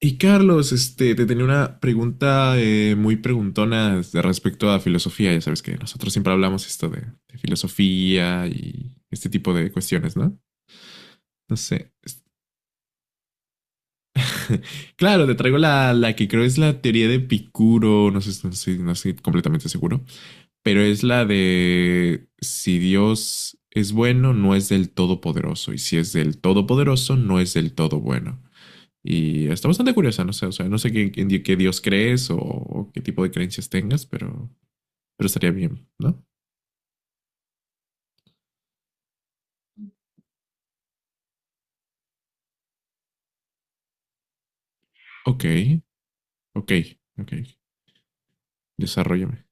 Y Carlos, te tenía una pregunta muy preguntona de respecto a filosofía. Ya sabes que nosotros siempre hablamos esto de filosofía y este tipo de cuestiones, ¿no? No sé. Claro, te traigo la que creo es la teoría de Epicuro, no sé, no estoy completamente seguro, pero es la de si Dios es bueno, no es del todopoderoso, y si es del todopoderoso, no es del todo bueno. Y está bastante curiosa, no sé, o sea, no sé qué, qué Dios crees o qué tipo de creencias tengas, pero estaría bien, ¿no? Ok, ok, ok, desarrollame.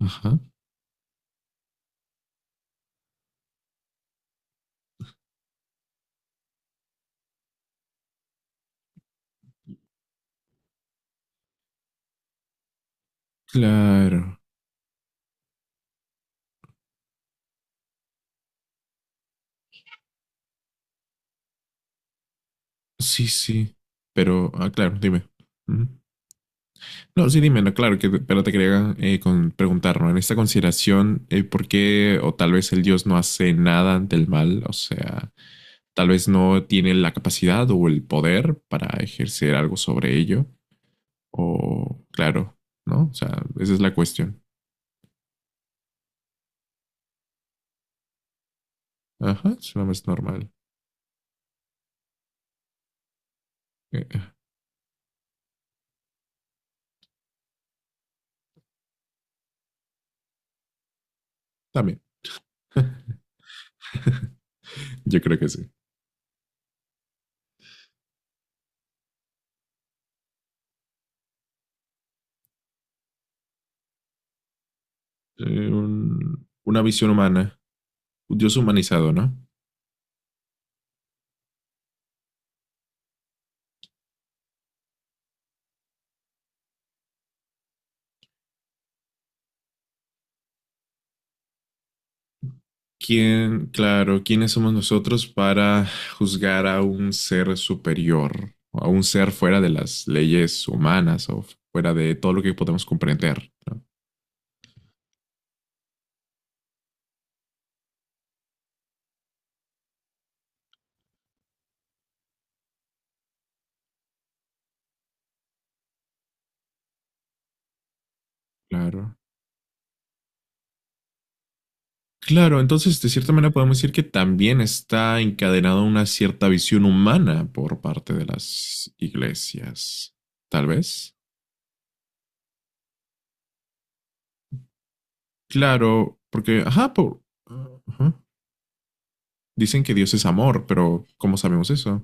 Ajá, claro, sí, sí, pero, ah, claro, dime. Ujú. No, sí, dime, no, claro, que, pero te quería preguntar, ¿no? En esta consideración, ¿por qué o tal vez el Dios no hace nada ante el mal? O sea, tal vez no tiene la capacidad o el poder para ejercer algo sobre ello. O claro, ¿no? O sea, esa es la cuestión. Ajá, es una más normal. Eh, también. Yo creo que sí. Una visión humana, un Dios humanizado, ¿no? ¿Quién, claro, quiénes somos nosotros para juzgar a un ser superior, o a un ser fuera de las leyes humanas o fuera de todo lo que podemos comprender, ¿no? Claro. Claro, entonces de cierta manera podemos decir que también está encadenada una cierta visión humana por parte de las iglesias, tal vez. Claro, porque, ajá, por, ajá, dicen que Dios es amor, pero ¿cómo sabemos eso?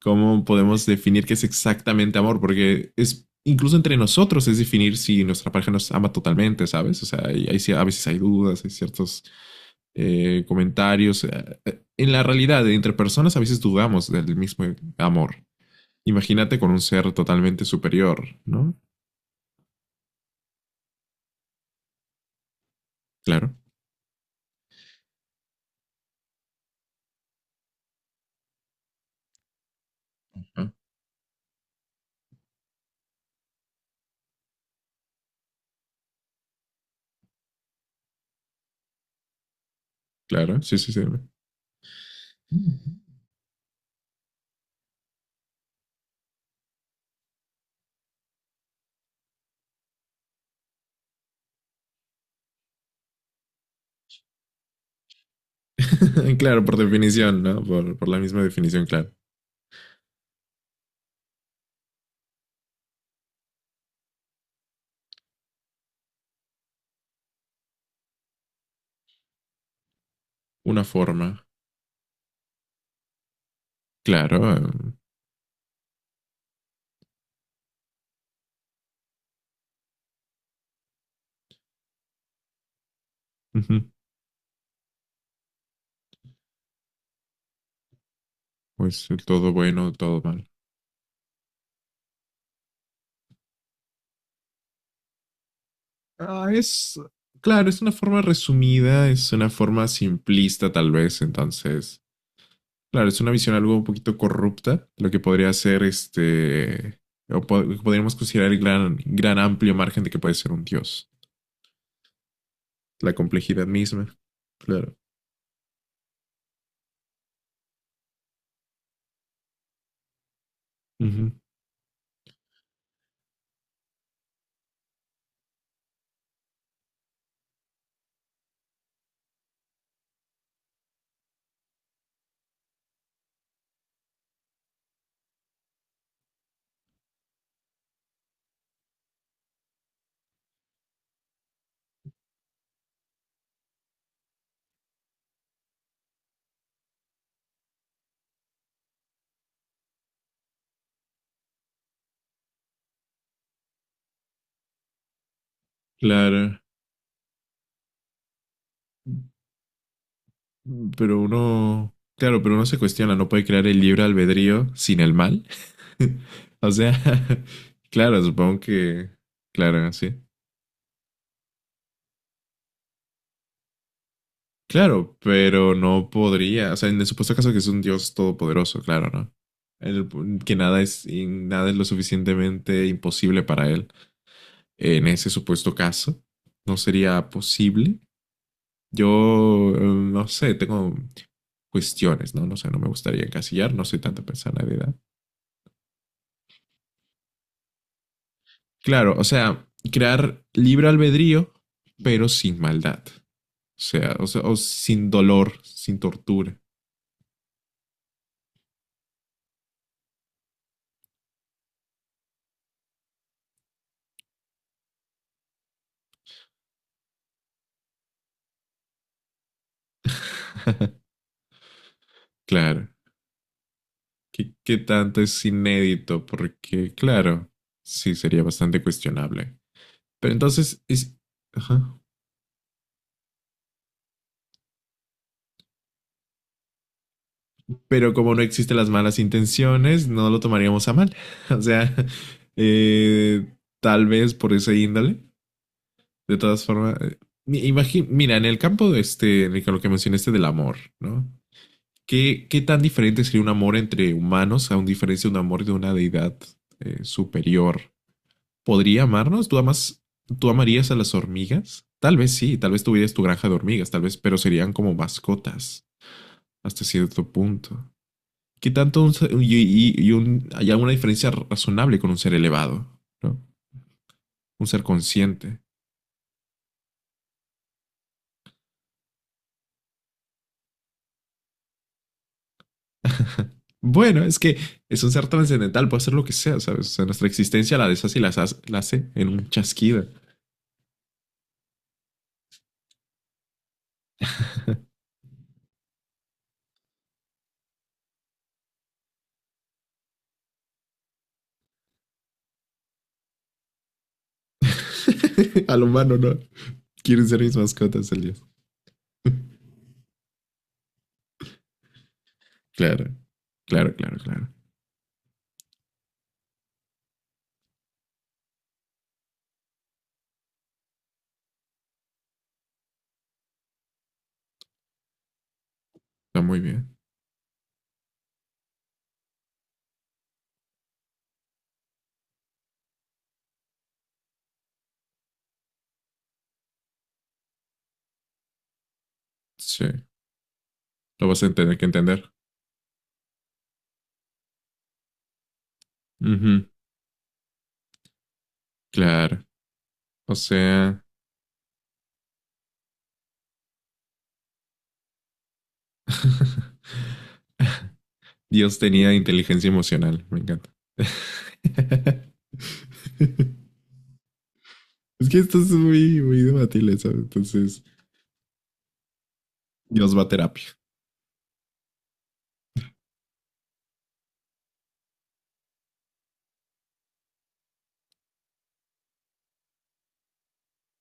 ¿Cómo podemos definir qué es exactamente amor? Porque es incluso entre nosotros es definir si nuestra pareja nos ama totalmente, ¿sabes? O sea, a veces hay dudas, hay ciertos comentarios. En la realidad, entre personas a veces dudamos del mismo amor. Imagínate con un ser totalmente superior, ¿no? Claro. Ah, claro, sí, sí, sí. Claro, por definición, ¿no? Por la misma definición, claro. Una forma, claro. Ujú, pues el todo bueno, todo mal. Ah, es, claro, es una forma resumida, es una forma simplista tal vez, entonces, claro, es una visión algo un poquito corrupta, lo que podría ser este, o podríamos considerar el gran amplio margen de que puede ser un dios. La complejidad misma. Claro, ujú, claro, pero uno, claro, pero uno se cuestiona, no puede crear el libre albedrío sin el mal. O sea, claro, supongo que, claro, sí. Claro, pero no podría, o sea, en el supuesto caso que es un Dios todopoderoso, claro, ¿no? El- que nada es, y nada es lo suficientemente imposible para él. En ese supuesto caso, no sería posible. Yo, no sé, tengo cuestiones, ¿no? No sé, no me gustaría encasillar, no soy tanta persona de edad. Claro, o sea, crear libre albedrío, pero sin maldad. O sea, o sin dolor, sin tortura. Claro. ¿Qué, qué tanto es inédito? Porque, claro, sí sería bastante cuestionable. Pero entonces es... Ajá, pero como no existen las malas intenciones, no lo tomaríamos a mal. O sea, eh, tal vez por ese índole. De todas formas, mira, en el campo de este, en el que lo que mencionaste del amor, ¿no? ¿Qué, qué tan diferente sería un amor entre humanos a un diferencia de un amor de una deidad superior? ¿Podría amarnos? ¿Tú amas, tú amarías a las hormigas? Tal vez sí, tal vez tuvieras tu granja de hormigas, tal vez, pero serían como mascotas hasta cierto punto. ¿Qué tanto un ser- y un- ¿Hay alguna diferencia razonable con un ser elevado, ¿no? Un ser consciente. Bueno, es que es un ser trascendental, puede hacer lo que sea, ¿sabes? O sea, nuestra existencia la deshace y la hace en un chasquido. Al humano, ¿no? Quieren ser mis mascotas el día. Claro, claro, claro, claro. Está muy bien. Sí, lo vas a tener que entender. Ujú, claro. O sea... Dios tenía inteligencia emocional, me encanta. Es que esto es muy, muy debatible, ¿sabes? Entonces, Dios va a terapia.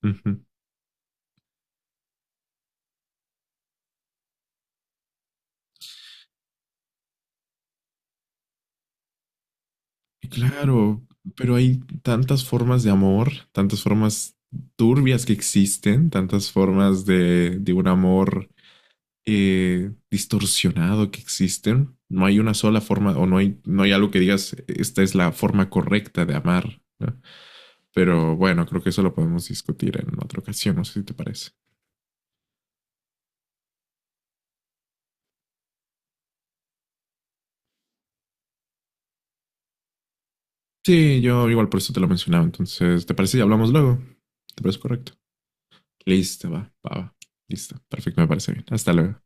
Ujú. Y claro, pero hay tantas formas de amor, tantas formas turbias que existen, tantas formas de un amor distorsionado que existen. No hay una sola forma o no hay, no hay algo que digas, esta es la forma correcta de amar, ¿no? Pero bueno, creo que eso lo podemos discutir en otra ocasión, no sé si te parece. Sí, yo igual por eso te lo mencionaba, entonces, ¿te parece si hablamos luego? ¿Te parece correcto? Listo, va, va, va. Listo, perfecto, me parece bien. Hasta luego.